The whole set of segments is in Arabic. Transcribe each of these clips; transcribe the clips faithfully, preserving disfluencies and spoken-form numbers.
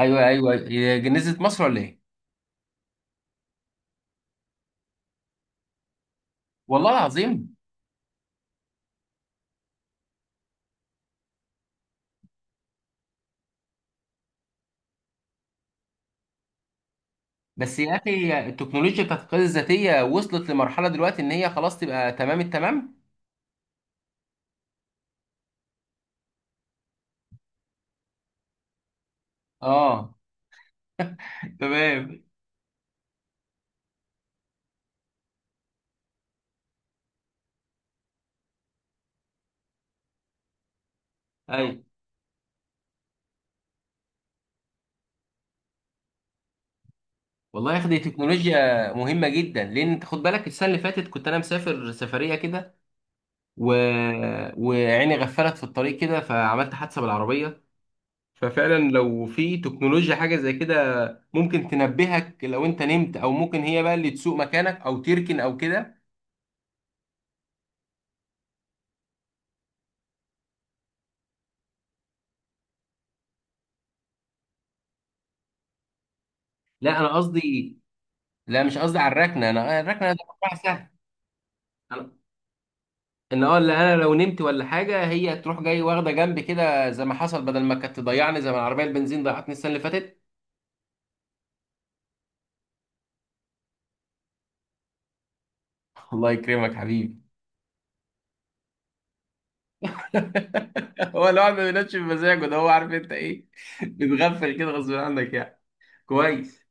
ايوه ايوه، هي نزلت مصر ولا ايه؟ والله العظيم. بس يا اخي التكنولوجيا بتاعت القياده الذاتيه وصلت لمرحله دلوقتي ان هي خلاص تبقى تمام التمام؟ اه. تمام. ايوه، والله يا اخي دي تكنولوجيا مهمه جدا، لان انت خد بالك السنه اللي فاتت كنت انا مسافر سفريه كده و... وعيني غفلت في الطريق كده فعملت حادثه بالعربيه. ففعلا لو في تكنولوجيا حاجه زي كده ممكن تنبهك لو انت نمت، او ممكن هي بقى اللي تسوق مكانك او تركن او كده. لا انا قصدي، لا مش قصدي على الركنه، انا الركنه ده موضوع سهل. انا ان اه اللي انا لو نمت ولا حاجه هي تروح جاي واخده جنب كده زي ما حصل، بدل ما كانت تضيعني زي ما العربيه البنزين ضيعتني السنه اللي فاتت. الله يكرمك حبيبي. هو الواحد ما بينامش بمزاجه، ده هو عارف انت ايه، بتغفل كده غصب عنك يعني. كويس.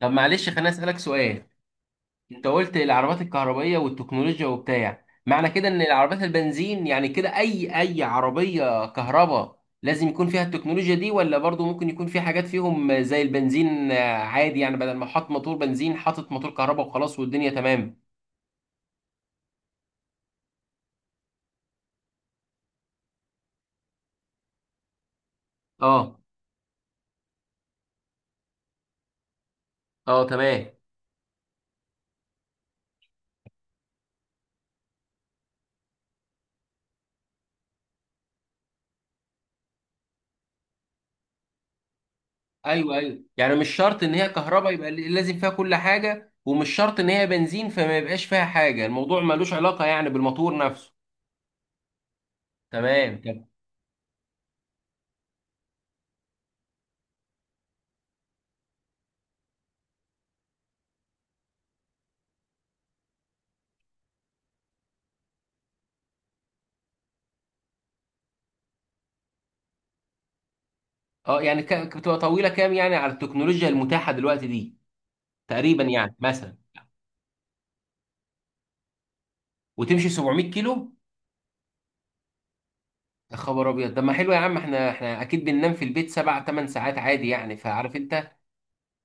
طب معلش خليني اسالك سؤال. انت قلت العربات الكهربائيه والتكنولوجيا وبتاع، معنى كده ان العربات البنزين يعني كده اي اي عربيه كهرباء لازم يكون فيها التكنولوجيا دي، ولا برضو ممكن يكون في حاجات فيهم زي البنزين آه، عادي، يعني بدل ما حط موتور بنزين حاطط موتور كهرباء وخلاص والدنيا تمام. اه اه تمام. ايوه ايوه، يعني مش شرط ان هي كهرباء يبقى ل- لازم فيها كل حاجه، ومش شرط ان هي بنزين فما يبقاش فيها حاجه، الموضوع ملوش علاقه يعني بالموتور نفسه. تمام. اه يعني ك- بتبقى طويله كام يعني على التكنولوجيا المتاحه دلوقتي دي؟ تقريبا يعني مثلا. وتمشي 700 كيلو؟ يا خبر ابيض، طب ما حلو يا عم، احنا احنا اكيد بننام في البيت سبع ثمان ساعات عادي يعني، فعارف انت.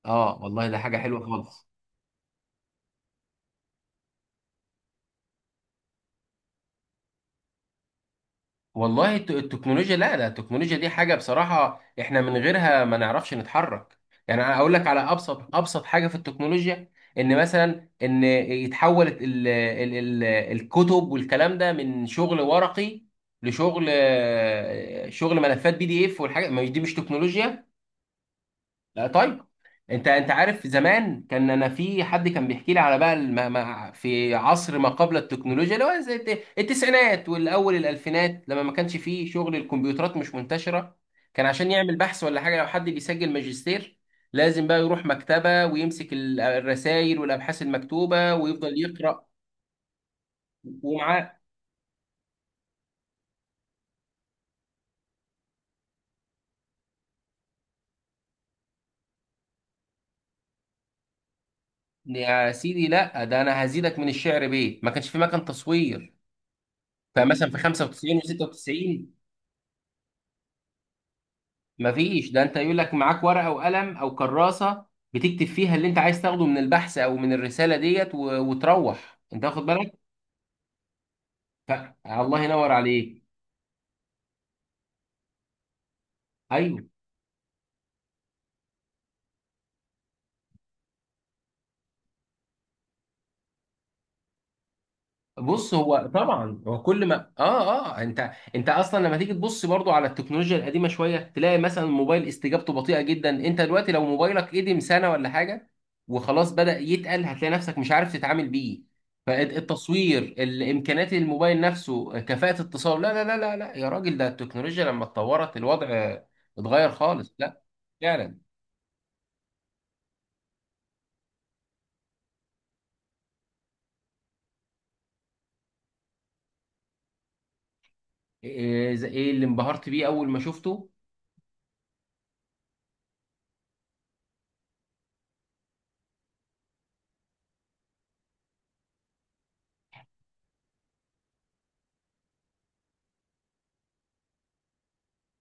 اه والله ده حاجه حلوه خالص. والله الت- التكنولوجيا، لا لا، التكنولوجيا دي حاجة بصراحة احنا من غيرها ما نعرفش نتحرك. يعني انا اقول لك على ابسط ابسط حاجة في التكنولوجيا، ان مثلا ان يتحول ال ال ال الكتب والكلام ده من شغل ورقي لشغل، شغل ملفات بي دي اف، والحاجة ما دي مش تكنولوجيا؟ لا طيب. انت انت عارف زمان كان انا في حد كان بيحكي لي على بقى، الم... مع- في عصر ما قبل التكنولوجيا اللي هو زي الت- التسعينات والاول الالفينات، لما ما كانش فيه شغل، الكمبيوترات مش منتشره، كان عشان يعمل بحث ولا حاجه لو حد بيسجل ماجستير لازم بقى يروح مكتبه ويمسك الرسائل والابحاث المكتوبه ويفضل يقرا، ومعاه. يا سيدي لا، ده انا هزيدك من الشعر بيه، ما كانش في مكان تصوير. فمثلا في خمسة وتسعين و96 مفيش، ده انت يقول لك معاك ورقه وقلم او كراسه بتكتب فيها اللي انت عايز تاخده من البحث او من الرساله ديت و... وتروح انت واخد بالك. الله ينور عليك، ايوه. بص، هو طبعا هو كل ما اه اه انت انت اصلا لما تيجي تبص برضو على التكنولوجيا القديمه شويه تلاقي مثلا موبايل استجابته بطيئه جدا، انت دلوقتي لو موبايلك قدم سنه ولا حاجه وخلاص بدأ يتقل هتلاقي نفسك مش عارف تتعامل بيه، فالتصوير، الامكانيات، الموبايل نفسه، كفاءة اتصال، لا لا لا لا لا يا راجل، ده التكنولوجيا لما اتطورت الوضع اتغير خالص، لا. فعلا. ايه، إيه إيه اللي انبهرت بيه اول ما شفته؟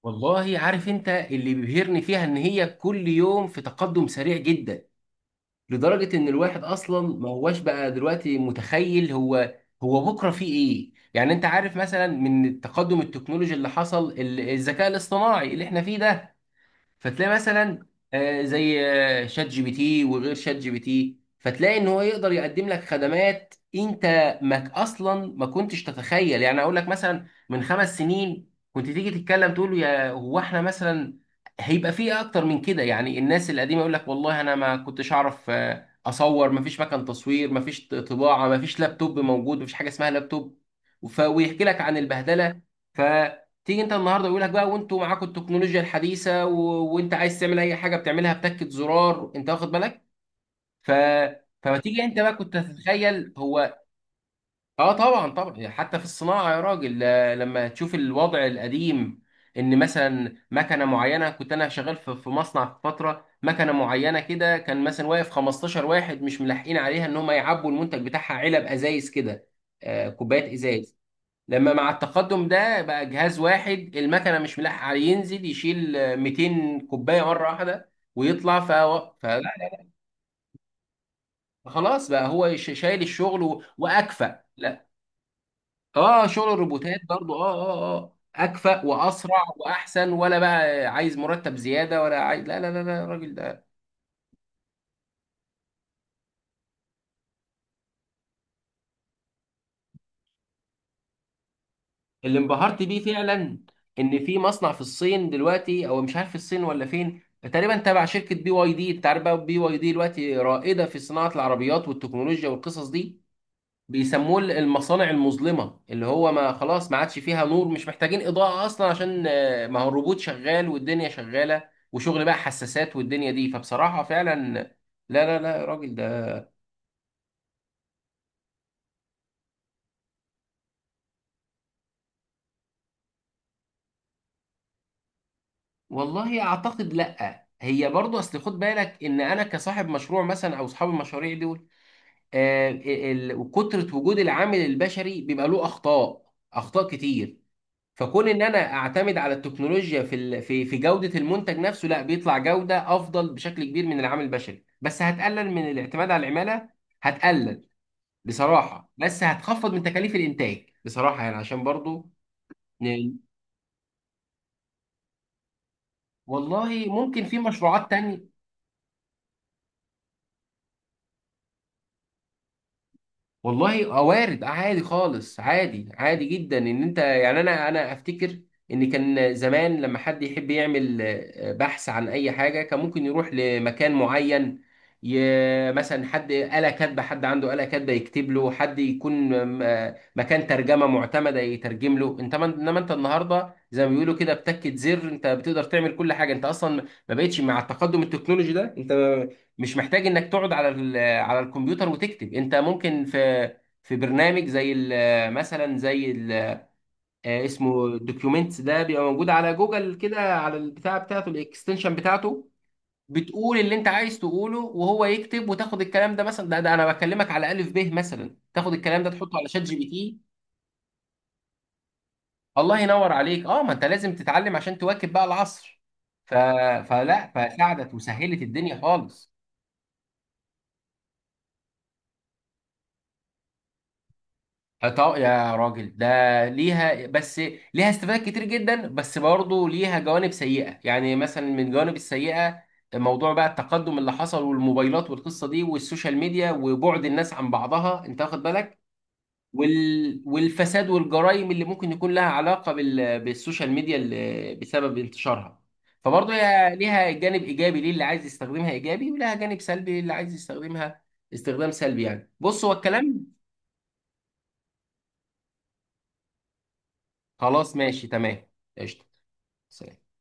والله عارف انت اللي بيبهرني فيها ان هي كل يوم في تقدم سريع جدا، لدرجة ان الواحد اصلا ما هواش بقى دلوقتي متخيل هو، هو بكرة فيه ايه، يعني انت عارف مثلا من التقدم التكنولوجي اللي حصل ال- الذكاء الاصطناعي اللي احنا فيه ده، فتلاقي مثلا آه، زي آه، شات جي بي تي وغير شات جي بي تي، فتلاقي ان هو يقدر يقدم لك خدمات انت ما اصلا ما كنتش تتخيل، يعني اقول لك مثلا من خمس سنين كنت تيجي تتكلم تقول له يا هو احنا مثلا هيبقى فيه اكتر من كده، يعني الناس القديمه يقول لك والله انا ما كنتش اعرف آه، اصور، ما فيش مكان تصوير، ما فيش طباعه، ما فيش لابتوب موجود، ما فيش حاجه اسمها لابتوب، وف- ويحكي لك عن البهدله. تيجي انت النهارده يقول لك بقى وانتوا معاكم التكنولوجيا الحديثه، و... وانت عايز تعمل اي حاجه بتعملها بتكه زرار، انت واخد بالك. ف فما تيجي انت بقى كنت هتتخيل هو؟ اه طبعا طبعا، يعني حتى في الصناعه يا راجل، لا- لما تشوف الوضع القديم، ان مثلا مكنه معينه، كنت انا شغال في في مصنع في فتره، مكنه معينه كده كان مثلا واقف 15 واحد مش ملاحقين عليها ان هم يعبوا المنتج بتاعها علب ازايز كده، آه، كوبايات ازايز. لما مع التقدم ده بقى جهاز واحد المكنه مش ملاحق عليه ينزل يشيل ميتين كوباية كوبايه مره واحده، ويطلع ف... فلا، خلاص بقى هو ش- شايل الشغل و... واكفأ، لا. اه، شغل الروبوتات برضو، اه اه اه اكفأ واسرع واحسن، ولا بقى عايز مرتب زياده، ولا عايز، لا لا لا لا، الراجل ده. اللي انبهرت بيه فعلا، ان في مصنع في الصين دلوقتي او مش عارف الصين ولا فين، تقريبا تبع شركه بي واي دي، انت عارف بقى بي واي دي دلوقتي رائده في صناعه العربيات والتكنولوجيا والقصص دي، بيسموه المصانع المظلمه، اللي هو ما خلاص ما عادش فيها نور، مش محتاجين اضاءه اصلا، عشان آه، ما هو الروبوت شغال والدنيا شغاله وشغل بقى حساسات والدنيا دي، فبصراحه فعلا، لا لا لا يا راجل، ده والله اعتقد لا. هي برضه اصل خد بالك، ان انا كصاحب مشروع مثلا او اصحاب المشاريع دي، آه، ال- ال- وكترة وجود العامل البشري بيبقى له أخطاء أخطاء كتير، فكون إن أنا أعتمد على التكنولوجيا في ال- في في جودة المنتج نفسه، لا بيطلع جودة أفضل بشكل كبير من العامل البشري، بس هتقلل من الاعتماد على العمالة، هتقلل بصراحة، بس هتخفض من تكاليف الإنتاج بصراحة يعني، عشان برضو ن- والله ممكن في مشروعات تانية. والله آه، وارد، آه، عادي خالص، عادي عادي جدا، ان انت يعني انا انا افتكر ان كان زمان لما حد يحب يعمل آه، بحث عن اي حاجه كان ممكن يروح لمكان معين، ي... مثلا حد آلة كاتبه، حد عنده آلة كاتبه يكتب له، حد يكون آه، مكان ترجمه معتمده يترجم له، انت من... انما انت النهارده زي ما بيقولوا كده بتكة زر انت بتقدر تعمل كل حاجه، انت اصلا ما بقتش مع التقدم التكنولوجي ده، انت مش محتاج انك تقعد على على الكمبيوتر وتكتب، انت ممكن في، في برنامج زي ال- مثلا زي ال- آه، اسمه دوكيومنتس، ده بيبقى موجود على جوجل كده، على البتاع بتاعته، الاكستنشن بتاعته، بتقول اللي انت عايز تقوله وهو يكتب، وتاخد الكلام ده مثلا، ده, ده انا بكلمك على الف ب مثلا، تاخد الكلام ده تحطه على شات جي بي تي. الله ينور عليك، اه ما انت لازم تتعلم عشان تواكب بقى العصر. ف... فلا، فساعدت وسهلت الدنيا خالص. طب يا راجل ده، ليها بس، ليها استفادات كتير جدا، بس برضه ليها جوانب سيئة، يعني مثلا من الجوانب السيئة موضوع بقى التقدم اللي حصل والموبايلات والقصة دي والسوشيال ميديا وبعد الناس عن بعضها، انت واخد بالك، وال... والفساد والجرائم اللي ممكن يكون لها علاقة بال... بالسوشيال ميديا اللي بسبب انتشارها، فبرضه هي ليها جانب إيجابي ليه اللي عايز يستخدمها إيجابي، ولها جانب سلبي للي عايز يستخدمها استخدام سلبي يعني، بص هو الكلام. خلاص ماشي، تمام. قشطة. سلام.